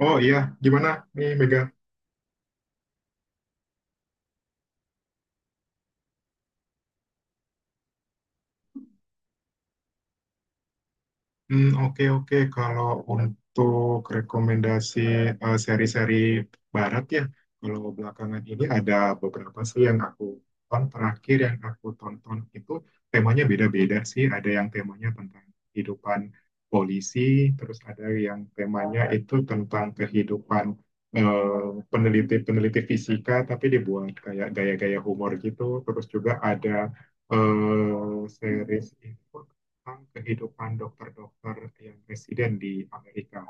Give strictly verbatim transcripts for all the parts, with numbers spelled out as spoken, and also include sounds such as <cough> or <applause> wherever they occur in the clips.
Oh iya, gimana nih Mega? Hmm, oke oke. Kalau untuk rekomendasi eh, seri-seri barat ya, kalau belakangan ini ada beberapa sih yang aku tonton. Terakhir yang aku tonton itu temanya beda-beda sih. Ada yang temanya tentang kehidupan polisi, terus ada yang temanya itu tentang kehidupan eh, peneliti-peneliti fisika, tapi dibuat kayak gaya-gaya humor gitu. Terus juga ada eh, series itu tentang kehidupan dokter-dokter yang residen di Amerika.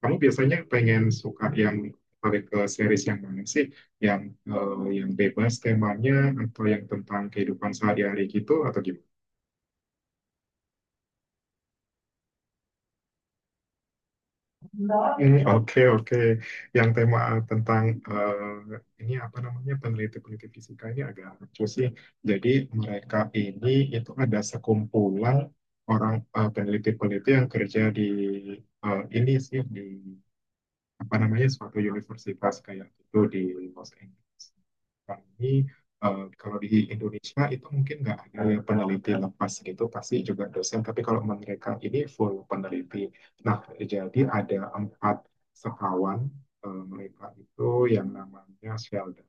Kamu biasanya pengen suka yang balik ke series yang mana sih? Yang eh, yang bebas temanya atau yang tentang kehidupan sehari-hari gitu atau gimana? Hmm, oke oke. Yang tema tentang eh, ini apa namanya peneliti-peneliti fisika ini agak lucu sih. Jadi mereka ini itu ada sekumpulan orang eh, peneliti-peneliti yang kerja di eh, ini sih di apa namanya suatu universitas kayak itu di Los Angeles. Kami eh, kalau di Indonesia itu mungkin nggak ada ya peneliti lepas gitu, pasti juga dosen. Tapi kalau mereka ini full peneliti. Nah, jadi ada empat sekawan eh, mereka itu yang namanya Sheldon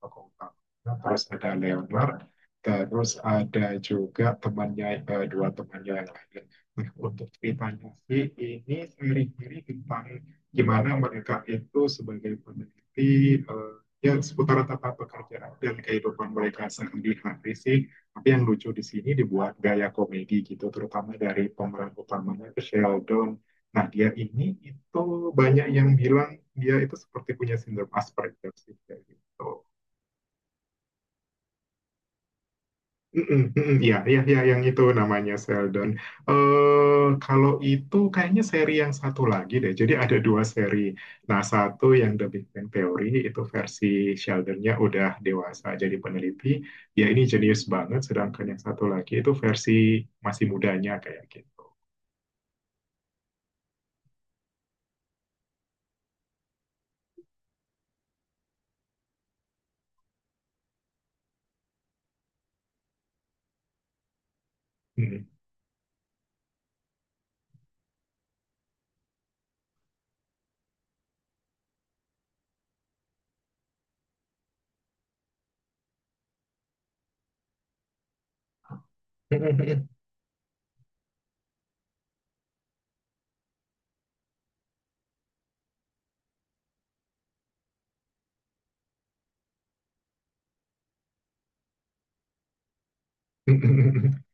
fakultas, terus ada Leonard, terus ada juga temannya, eh, dua temannya yang lain. Nah, untuk ceritanya sih ini seri-seri tentang gimana mereka itu sebagai peneliti, eh, ya seputar tata pekerjaan dan kehidupan mereka sehari-hari sih, tapi yang lucu di sini dibuat gaya komedi gitu, terutama dari pemeran utamanya itu Sheldon. Nah, dia ini itu banyak yang bilang dia itu seperti punya sindrom Asperger sih kayak gitu. Mm-mm, mm-mm. Ya, ya, ya, yang itu namanya Sheldon. Eh kalau itu kayaknya seri yang satu lagi deh. Jadi ada dua seri. Nah, satu yang The Big Bang Theory itu versi Sheldonnya udah dewasa jadi peneliti. Ya, ini jenius banget. Sedangkan yang satu lagi itu versi masih mudanya kayak gitu. Mm. <laughs>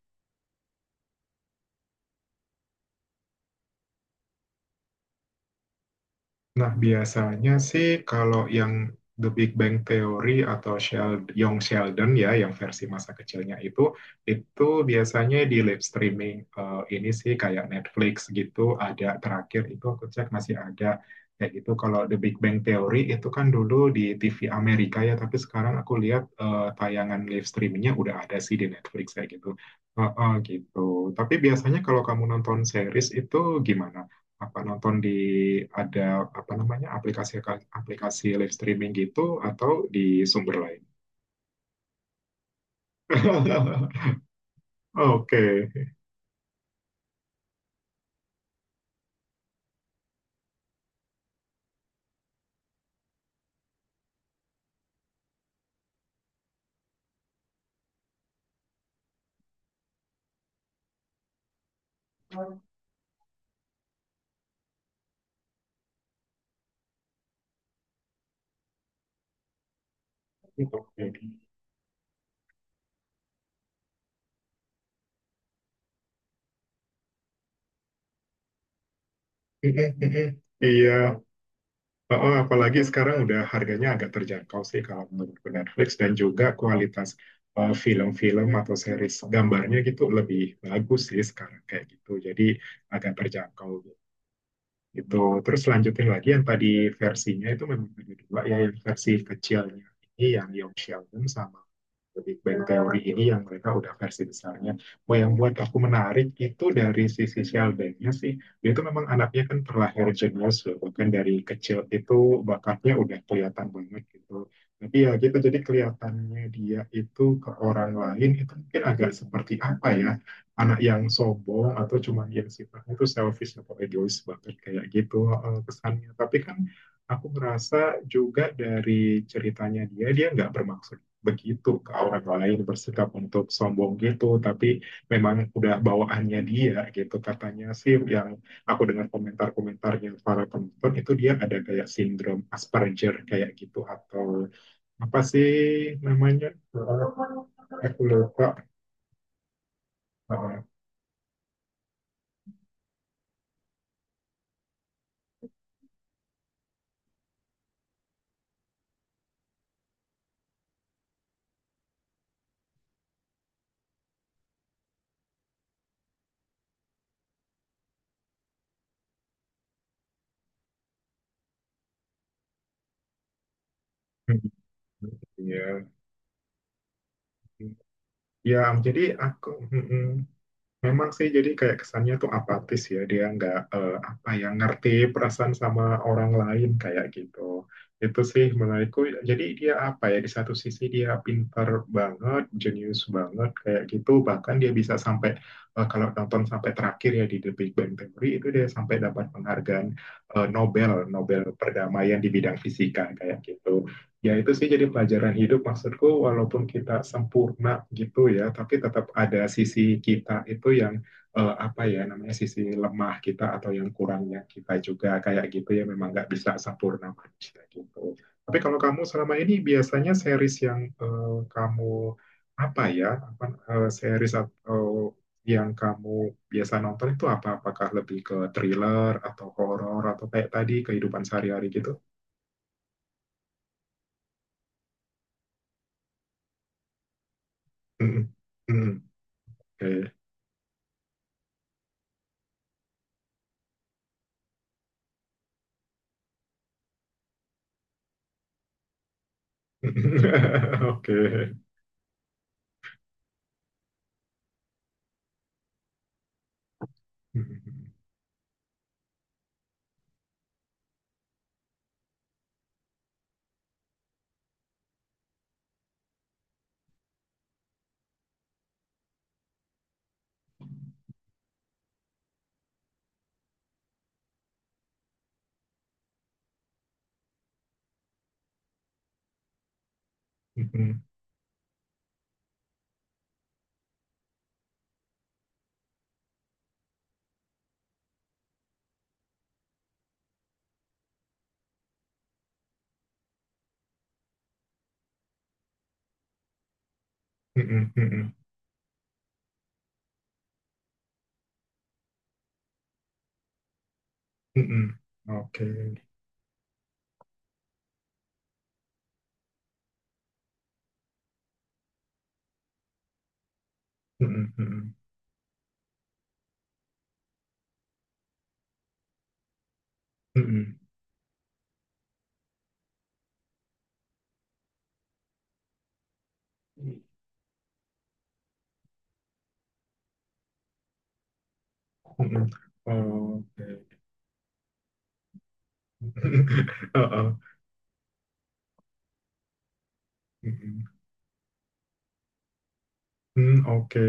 Nah, biasanya sih kalau yang The Big Bang Theory atau Sheld Young Sheldon ya, yang versi masa kecilnya itu, itu biasanya di live streaming, eh, ini sih kayak Netflix gitu, ada terakhir itu aku cek masih ada. Kayak gitu, kalau The Big Bang Theory itu kan dulu di T V Amerika ya, tapi sekarang aku lihat, eh, tayangan live streamingnya udah ada sih di Netflix kayak gitu. Heeh, gitu. Tapi biasanya kalau kamu nonton series itu gimana? Apa nonton di ada apa namanya aplikasi aplikasi live streaming gitu, atau di sumber lain. <laughs> Oke. Oke. Iya. Oh, apalagi sekarang udah harganya agak terjangkau sih kalau menurutku Netflix, dan juga kualitas eh, film-film atau series gambarnya gitu lebih bagus sih sekarang kayak gitu. Jadi agak terjangkau. Gitu. Gitu. Terus lanjutin lagi yang tadi, versinya itu memang ada dua ya, yang versi kecilnya ini yang Young Sheldon, sama The Big Bang Theory ini yang mereka udah versi besarnya. Mau yang buat aku menarik itu dari sisi Sheldonnya sih, dia itu memang anaknya kan terlahir jenius loh, bahkan dari kecil itu bakatnya udah kelihatan banget gitu. Tapi ya gitu, jadi kelihatannya dia itu ke orang lain itu mungkin agak seperti apa ya, anak yang sombong atau cuman yang sifatnya itu selfish atau egois banget kayak gitu eh, kesannya. Tapi kan aku ngerasa juga dari ceritanya dia, dia nggak bermaksud begitu ke orang lain bersikap untuk sombong gitu, tapi memang udah bawaannya dia gitu katanya sih, yang aku dengar komentar-komentarnya para penonton itu dia ada kayak sindrom Asperger kayak gitu atau apa sih namanya? Eh, Aku lupa. Eh, hmm, Iya, Ya, jadi aku mm-mm. Memang sih jadi kayak kesannya tuh apatis ya, dia nggak eh, apa ya ngerti perasaan sama orang lain kayak gitu. Itu sih menurutku jadi dia apa ya, di satu sisi dia pintar banget, jenius banget kayak gitu, bahkan dia bisa sampai eh, kalau nonton sampai terakhir ya di The Big Bang Theory itu dia sampai dapat penghargaan eh, Nobel Nobel perdamaian di bidang fisika kayak gitu. Ya, itu sih jadi pelajaran hidup, maksudku walaupun kita sempurna gitu ya, tapi tetap ada sisi kita itu yang eh, apa ya namanya sisi lemah kita atau yang kurangnya kita juga kayak gitu ya, memang nggak bisa sempurna manusia gitu. Tapi kalau kamu selama ini biasanya series yang eh, kamu apa ya, apa eh, series atau yang kamu biasa nonton itu apa? Apakah lebih ke thriller atau horor atau kayak tadi kehidupan sehari-hari gitu? Mm-mm. Mm-mm. Oke. <laughs> Oke. Mhm, mhm, mhm, mhm, mhm. Oke. Mhm, mhm, mhm, mhm. Oke. <laughs> Heeh. Mhm. Hmm, oke.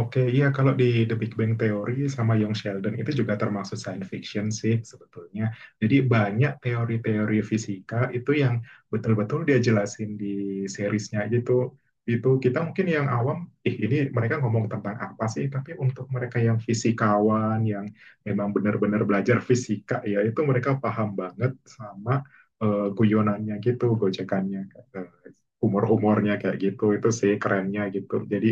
Oke, iya kalau di The Big Bang Theory sama Young Sheldon itu juga termasuk science fiction sih sebetulnya. Jadi banyak teori-teori fisika itu yang betul-betul dia jelasin di seriesnya gitu. Itu kita mungkin yang awam, ih ini mereka ngomong tentang apa sih? Tapi untuk mereka yang fisikawan, yang memang benar-benar belajar fisika ya, itu mereka paham banget sama eh, guyonannya gitu, gojekannya, eh, humor-humornya kayak gitu. Itu sih kerennya gitu. Jadi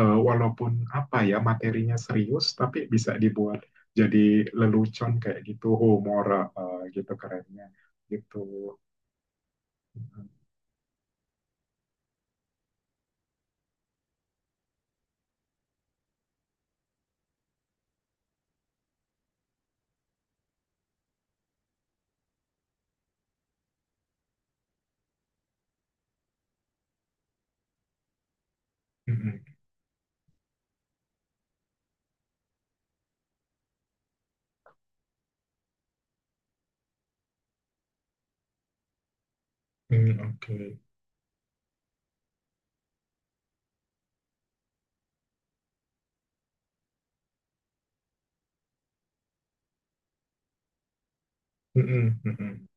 eh, walaupun apa ya materinya serius, tapi bisa dibuat jadi lelucon kayak gitu, humor eh, gitu kerennya gitu. Mm-mm. Mm, oke. Mm-mm, mm-mm,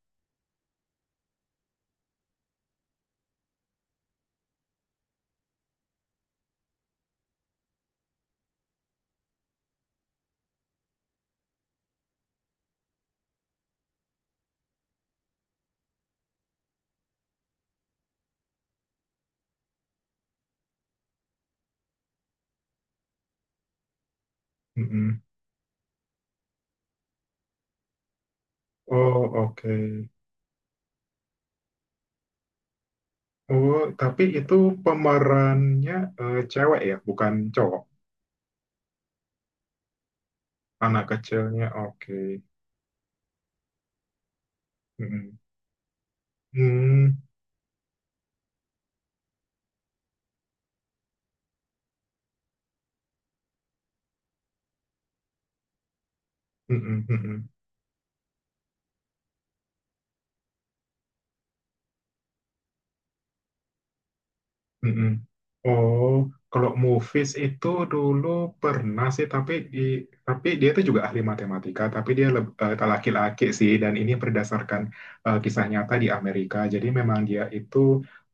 mm-mm. Oh oke. Oh tapi itu pemerannya eh, cewek ya, bukan cowok. Anak kecilnya oke. Mm-mm. Mm, mm-mm, mm-mm. Mm-mm. Oh, kalau movies itu dulu pernah sih, tapi di, tapi dia itu juga ahli matematika, tapi dia leb- eh, tak laki-laki sih, dan ini berdasarkan eh, kisah nyata di Amerika. Jadi memang dia itu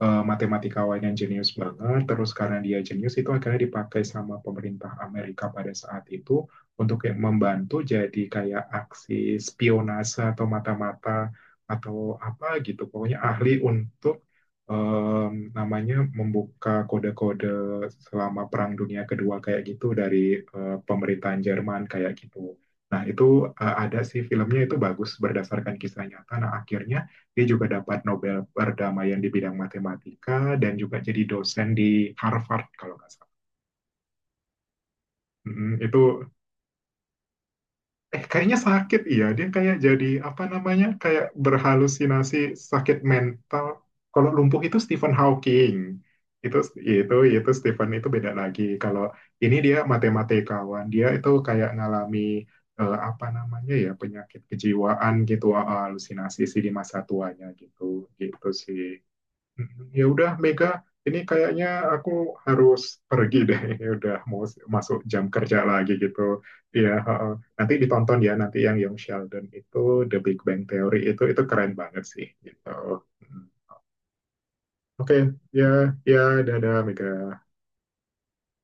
eh, matematikawan yang jenius banget. Terus karena dia jenius itu akhirnya dipakai sama pemerintah Amerika pada saat itu untuk kayak membantu, jadi kayak aksi spionase atau mata-mata atau apa gitu. Pokoknya ahli untuk em, namanya membuka kode-kode selama Perang Dunia Kedua kayak gitu dari eh, pemerintahan Jerman kayak gitu. Nah, itu eh, ada sih filmnya, itu bagus berdasarkan kisah nyata. Nah, akhirnya dia juga dapat Nobel perdamaian di bidang matematika, dan juga jadi dosen di Harvard kalau nggak salah. Mm, itu eh kayaknya sakit, iya dia kayak jadi apa namanya kayak berhalusinasi, sakit mental. Kalau lumpuh itu Stephen Hawking, itu itu itu Stephen itu beda lagi. Kalau ini dia matematikawan, dia itu kayak ngalami eh, apa namanya ya, penyakit kejiwaan gitu, ah, halusinasi sih di masa tuanya gitu, gitu sih. Mm, ya udah Mega, ini kayaknya aku harus pergi deh. <laughs> Ini udah mau s- masuk jam kerja lagi gitu. Iya, heeh. Nanti ditonton ya nanti yang Young Sheldon itu, The Big Bang Theory itu itu keren banget sih gitu. Hmm. Oke, ya, ya, dadah Mega.